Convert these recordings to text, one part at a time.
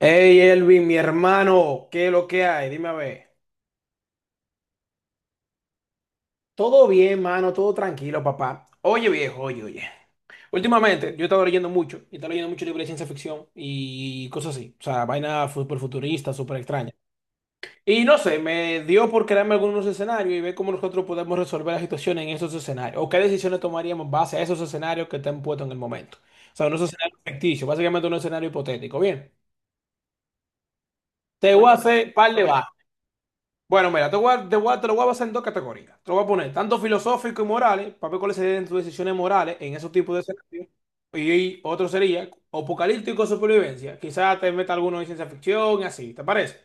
Hey Elvin, mi hermano, ¿qué es lo que hay? Dime a ver. Todo bien, mano, todo tranquilo, papá. Oye, viejo, oye, oye. Últimamente yo he estado leyendo mucho, y he estado leyendo mucho libros de ciencia ficción y cosas así. O sea, vaina súper futurista, súper extraña. Y no sé, me dio por crearme algunos escenarios y ver cómo nosotros podemos resolver las situaciones en esos escenarios. O qué decisiones tomaríamos en base a esos escenarios que te han puesto en el momento. O sea, unos escenarios ficticios, básicamente un escenario hipotético. Bien, te voy a hacer par de vainas. Bueno, mira, te lo voy a basar en dos categorías. Te lo voy a poner tanto filosófico y morales, para ver cuáles serían tus decisiones morales en esos tipos de escenarios. Y otro sería apocalíptico de supervivencia. Quizás te meta alguno de ciencia ficción y así, ¿te parece?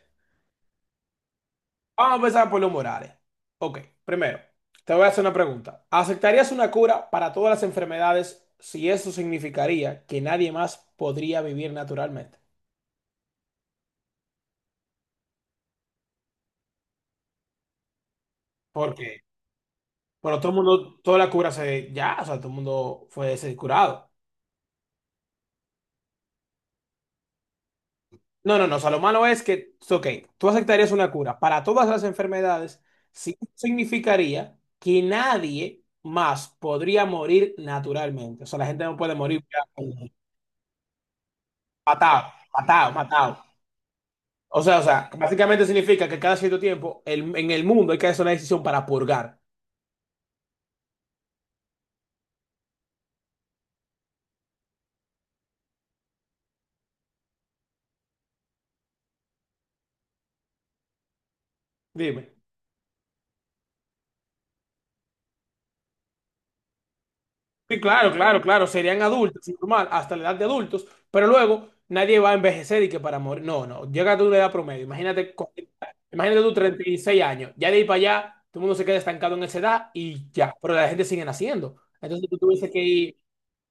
Vamos a empezar por los morales. Ok, primero, te voy a hacer una pregunta. ¿Aceptarías una cura para todas las enfermedades si eso significaría que nadie más podría vivir naturalmente? Porque, bueno, todo el mundo, toda la cura se, ya, o sea, todo el mundo fue se curado. No, no, no. O sea, lo malo es que, ok, tú aceptarías una cura para todas las enfermedades, sí significaría que nadie más podría morir naturalmente. O sea, la gente no puede morir ya, matado, matado, matado. O sea, básicamente significa que cada cierto tiempo el- en el mundo hay que hacer una decisión para purgar. Dime. Sí, claro, claro, claro, serían adultos, normal, hasta la edad de adultos, pero luego nadie va a envejecer y que para morir, no, no, llega a tu edad promedio, imagínate, imagínate tú 36 años, ya de ahí para allá, todo el mundo se queda estancado en esa edad y ya, pero la gente sigue naciendo, entonces tú tuviese que ir,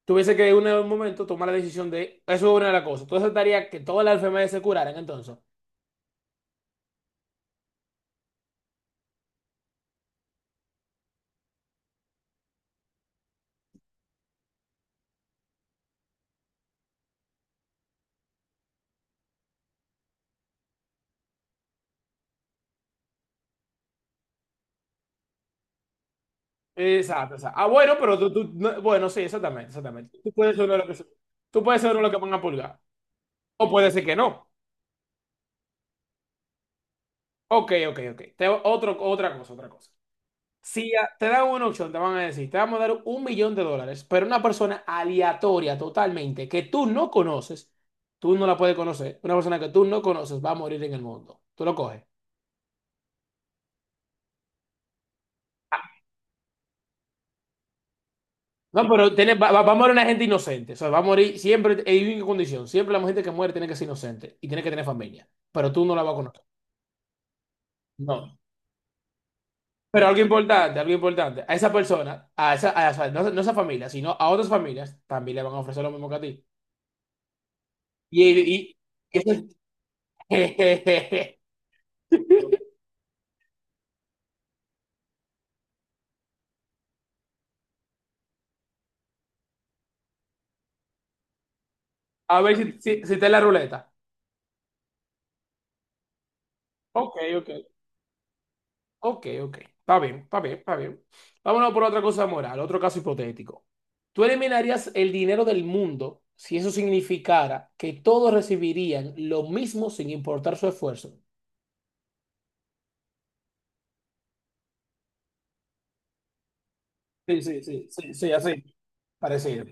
tuviese que en un momento tomar la decisión de, eso es una de las cosas, tú aceptarías que todas las enfermedades se curaran entonces, exacto, exacto, ah, bueno, pero bueno, sí, exactamente, exactamente, tú puedes ser uno de los que, tú puedes ser uno de los que van a pulgar, o puede ser que no. Ok, ok, ok. Otra cosa. Si a- Te dan una opción, te van a decir, te vamos a dar 1 millón de dólares, pero una persona aleatoria totalmente, que tú no conoces, tú no la puedes conocer, una persona que tú no conoces va a morir en el mundo. Tú lo coges. No, pero tiene, va a morir una gente inocente. O sea, va a morir siempre, en una condición. Siempre la gente que muere tiene que ser inocente y tiene que tener familia, pero tú no la vas a conocer. No. Pero algo importante, algo importante. A esa persona, no, no a esa familia, sino a otras familias, también le van a ofrecer lo mismo que a ti. Y, y- y eso es- A ver si está en la ruleta. Ok, ok. Ok, ok. Está bien, está bien, está bien. Vámonos por otra cosa moral, otro caso hipotético. ¿Tú eliminarías el dinero del mundo si eso significara que todos recibirían lo mismo sin importar su esfuerzo? Sí, sí, sí, sí, sí, así. Parecido.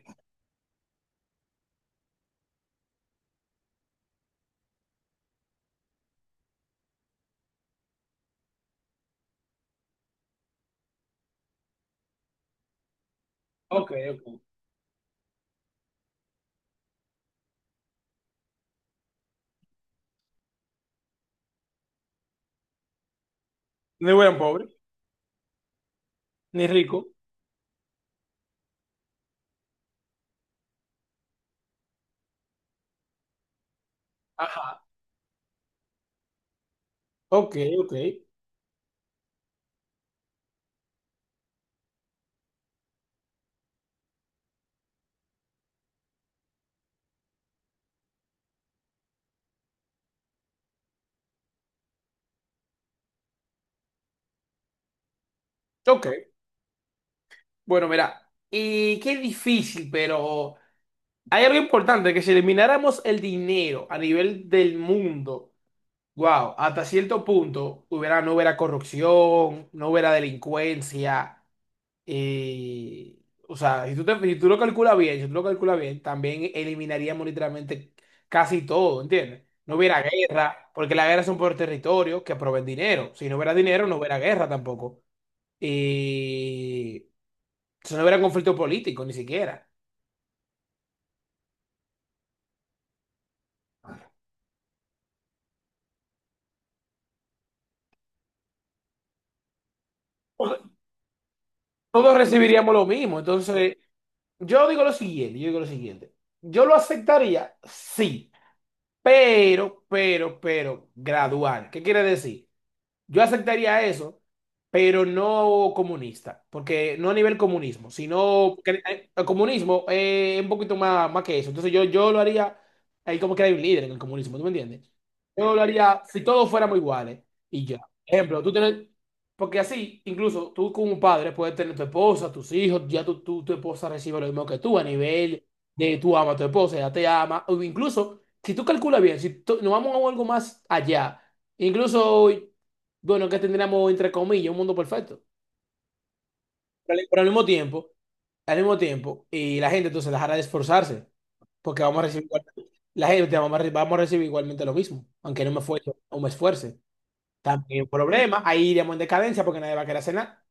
Ok, ok. Ni buen pobre, ni rico. Ajá. Ok, ok. Ok. Bueno, mira. Y qué difícil, pero. Hay algo importante, que si elimináramos el dinero a nivel del mundo, wow, hasta cierto punto hubiera, no hubiera corrupción, no hubiera delincuencia. eh, o sea, si si tú lo calculas bien, si tú lo calculas bien, también eliminaríamos literalmente casi todo, ¿entiendes? No hubiera guerra, porque las guerras son por territorio que proveen dinero. Si no hubiera dinero, no hubiera guerra tampoco. Y si no hubiera conflicto político, ni siquiera. Todos recibiríamos lo mismo, entonces. Yo digo lo siguiente, yo digo lo siguiente. Yo lo aceptaría, sí, pero, pero, gradual. ¿Qué quiere decir? Yo aceptaría eso, pero no comunista, porque no a nivel comunismo, sino que el comunismo es un poquito más, más que eso. Entonces yo lo haría, ahí como que hay un líder en el comunismo, ¿tú me entiendes? Yo lo haría si todos fuéramos iguales y ya. Ejemplo, porque así, incluso tú como padre puedes tener tu esposa, tus hijos, ya tu esposa recibe lo mismo que tú a nivel de tú amas a tu esposa, ella te ama, o incluso si tú calculas bien, si tú- nos vamos a algo más allá. Incluso bueno, que tendríamos entre comillas un mundo perfecto. Pero al mismo tiempo, y la gente entonces dejará de esforzarse, porque vamos a recibir igualmente, la gente vamos a recibir igualmente lo mismo, aunque no me esfuerce o me esfuerce. También un problema, ahí iremos en decadencia porque nadie va a querer hacer nada.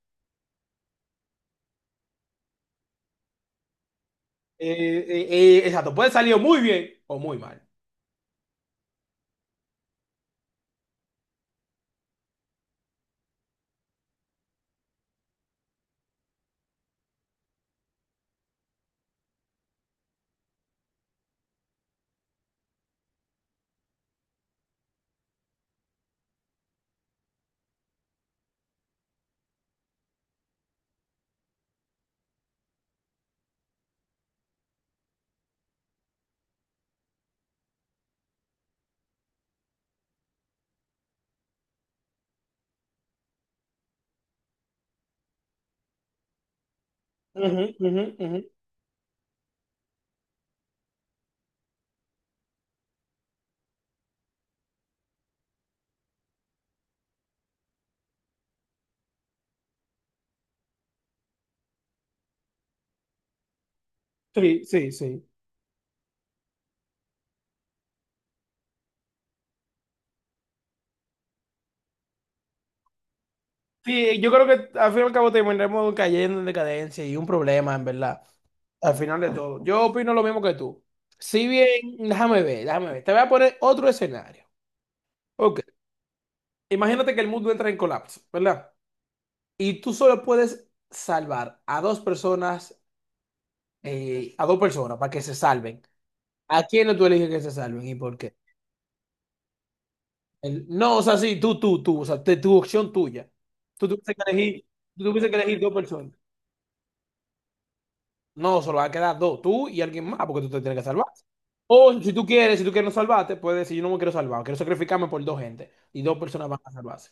Exacto, puede salir o muy bien o muy mal. Ujú, ujú, ujú. Sí, sí, sí. Sí, yo creo que al fin y al cabo terminaremos cayendo en decadencia y un problema, en verdad. Al final de todo, yo opino lo mismo que tú. Si bien, déjame ver, déjame ver. Te voy a poner otro escenario. Ok. Imagínate que el mundo entra en colapso, ¿verdad? Y tú solo puedes salvar a dos personas para que se salven. ¿A quién tú eliges que se salven y por qué? No, o sea, sí, tú, o sea, tu opción tuya. Tú tuvieses que elegir, tú tuvieses que elegir dos personas. No, solo van a quedar dos, tú y alguien más, porque tú te tienes que salvar. O si tú quieres, si tú quieres no salvarte, puedes decir, yo no me quiero salvar, quiero sacrificarme por dos gente. Y dos personas van a salvarse.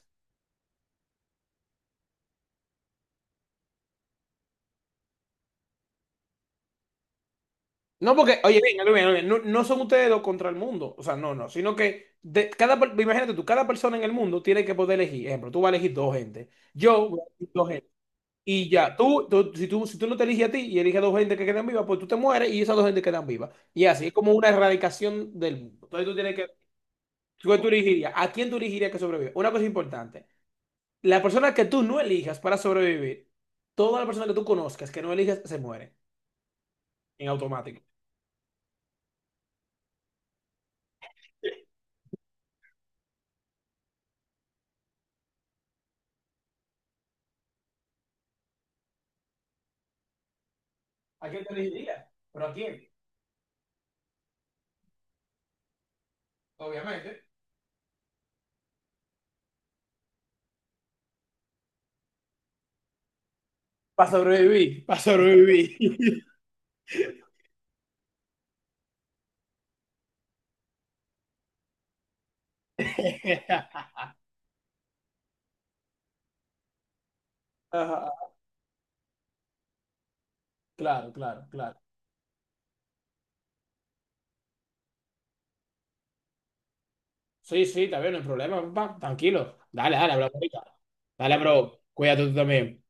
No porque, oye, venga, venga, venga, no, no son ustedes dos contra el mundo. O sea, no, no. Sino que imagínate tú, cada persona en el mundo tiene que poder elegir. Ejemplo, tú vas a elegir dos gente. Yo voy a elegir dos gente. Y ya, si tú no te eliges a ti y eliges a dos gente que quedan vivas, pues tú te mueres y esas dos gente quedan vivas. Y así es como una erradicación del mundo. Entonces tú tienes que. ¿Qué tú elegirías? ¿A quién tú elegirías que sobreviva? Una cosa importante. La persona que tú no elijas para sobrevivir, toda la persona que tú conozcas que no elijas se muere en automático. ¿A quién te elegirías? ¿Pero a quién? Obviamente. Para sobrevivir, para sobrevivir. Ajá. Claro, claro, claro. Sí, sí, está bien, no hay problema, papá. Tranquilo. Dale, dale, bro. Dale, bro. Cuídate tú también.